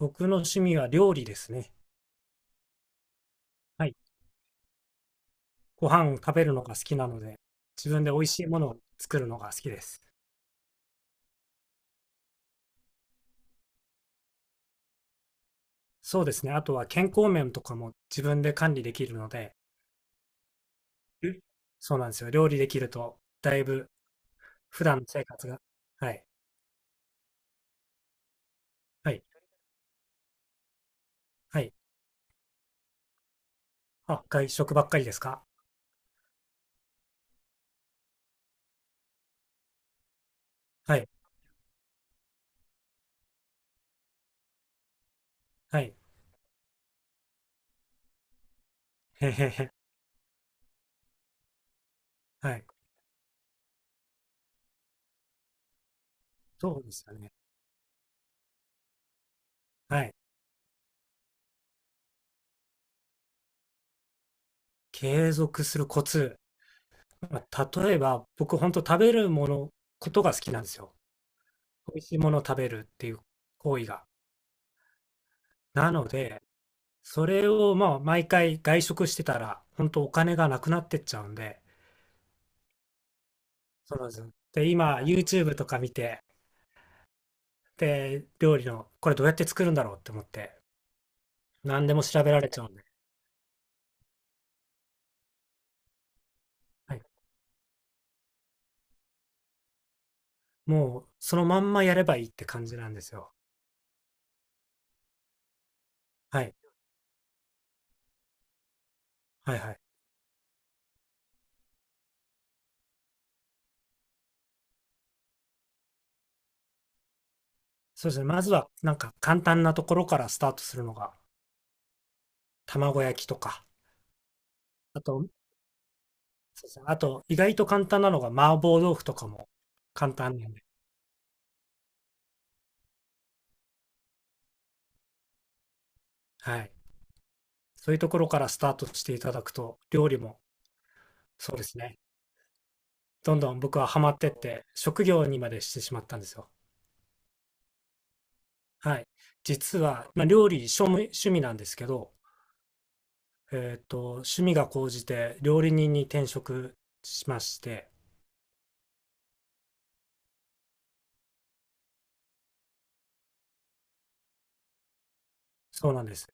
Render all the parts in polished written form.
僕の趣味は料理ですね。はい。ご飯食べるのが好きなので、自分で美味しいものを作るのが好きです。そうですね。あとは健康面とかも自分で管理できるので、えそうなんですよ。料理できると、だいぶ普段の生活が。はい。はい。はい。あ、外食ばっかりですか？はい。はい。へへへ。はい。そうですよね。はい。継続するコツ。まあ例えば、僕、本当食べるもの、ことが好きなんですよ。美味しいものを食べるっていう行為が。なので、それをまあ毎回外食してたら、本当お金がなくなってっちゃうんで、そうなんですよ。で、今 YouTube とか見て、で、料理のこれどうやって作るんだろうって思って、何でも調べられちゃうんで、はい。もうそのまんまやればいいって感じなんですよ。はい。はいはい。そうですね。まずはなんか簡単なところからスタートするのが、卵焼きとか、あと、そうですね。あと、意外と簡単なのが麻婆豆腐とかも簡単なんで、はい。そういうところからスタートしていただくと、料理もそうですね、どんどん僕はハマってって、職業にまでしてしまったんですよ。はい。実は、まあ、料理趣味、趣味なんですけど、趣味が高じて料理人に転職しまして、そうなんです。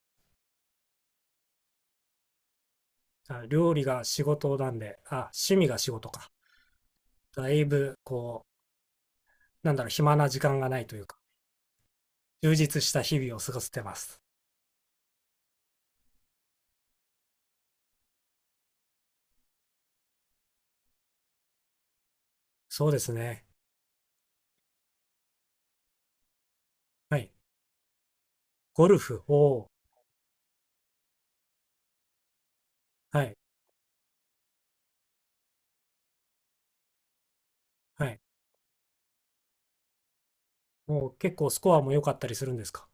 あ、料理が仕事なんで、あ、趣味が仕事か。だいぶ、こう、なんだろう、暇な時間がないというか、充実した日々を過ごせてます。そうですね。はい。ゴルフを、はい。はい。もう結構スコアも良かったりするんですか？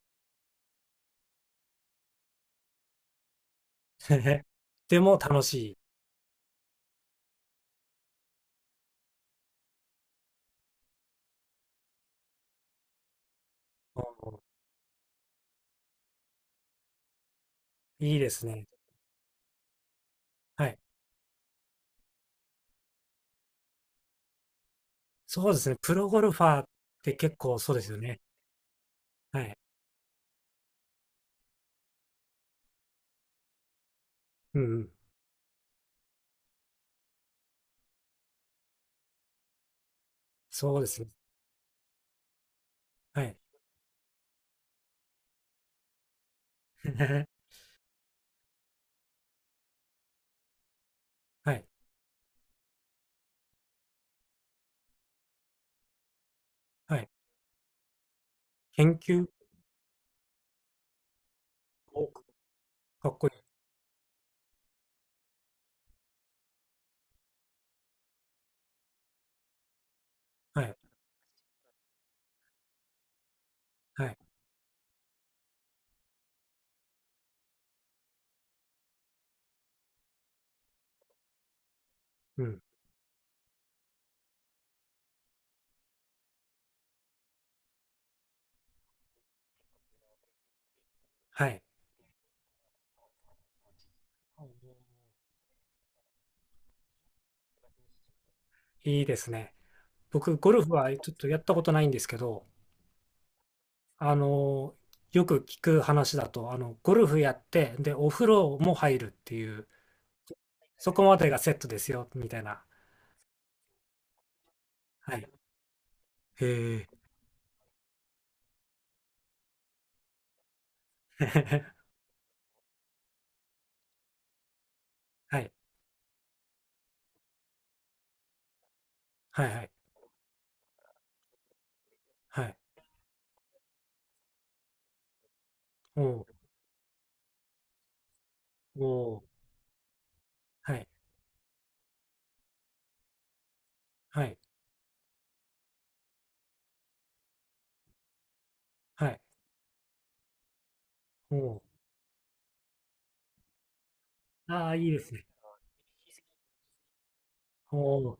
でも楽しい。おー、いいですね。はい。そうですね。プロゴルファーって結構そうですよね。はい。うんうん。そうですね。はい。はい。はい。研究、お、かっこいい。はい。はい。うん。はい。いいですね。僕、ゴルフはちょっとやったことないんですけど、あのーよく聞く話だと、あの、ゴルフやって、で、お風呂も入るっていう、そこまでがセットですよ、みたいな。はい。へえ。はい。はいはい。はい。おお、おお、はい。はい。はい。おお、お、はいはいはい、おお、ああ、いいですね。おお。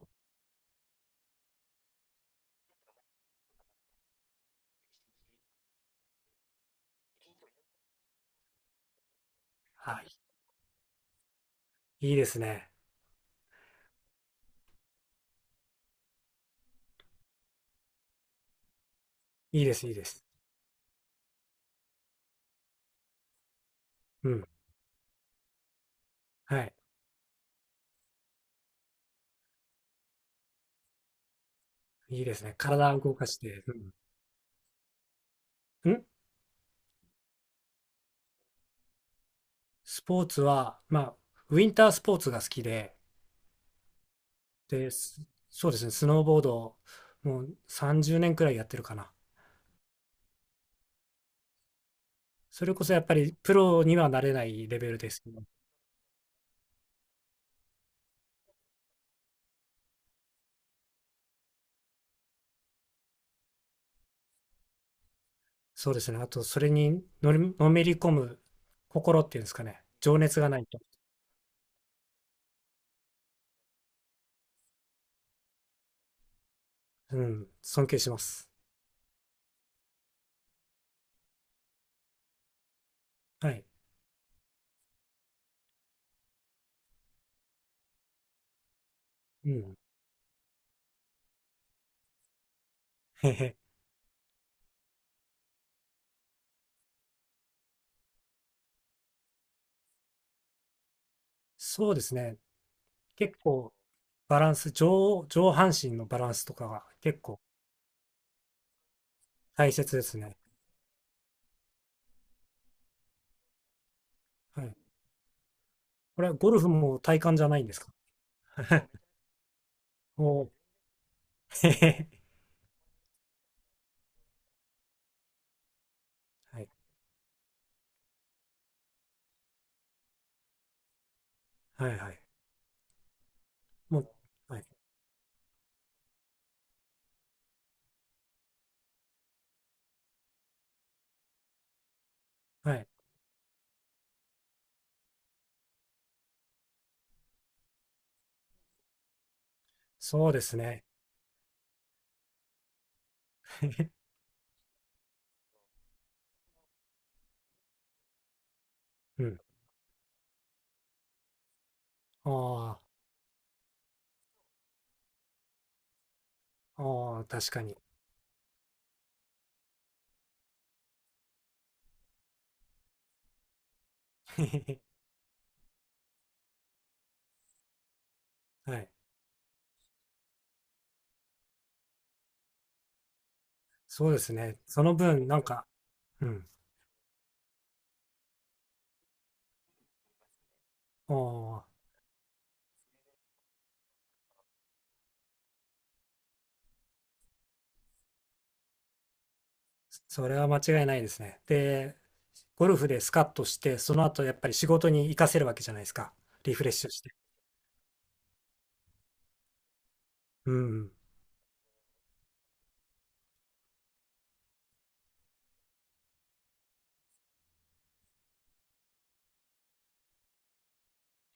はい。いいですね。いいです、いいです。うん。はい。いいですね。体を動かして。うん。ん、スポーツは、まあ、ウィンタースポーツが好きで、で、そうですね、スノーボードをもう30年くらいやってるかな。それこそやっぱりプロにはなれないレベルですけど、そうですね。あと、それにのり、のめり込む心っていうんですかね。情熱がないと。うん、尊敬します。はい。うん。へへ。そうですね。結構、バランス、上、上半身のバランスとかが結構大切ですね。はい。これはゴルフも体幹じゃないんですか？ もう、へへ。はい。はいはい。もう、はい。はい。そうですね。うん。ああ、ああ、確かに。はい。そうですね。その分、なんか、うん。おー、それは間違いないですね。で、ゴルフでスカッとして、その後やっぱり仕事に活かせるわけじゃないですか。リフレッシュして。うん。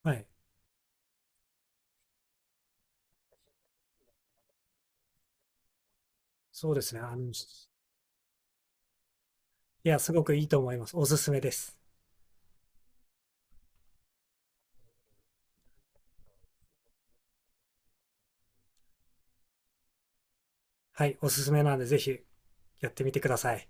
はい。そうですね。いや、すごくいいと思います。おすすめです。はい。おすすめなんで、ぜひやってみてください。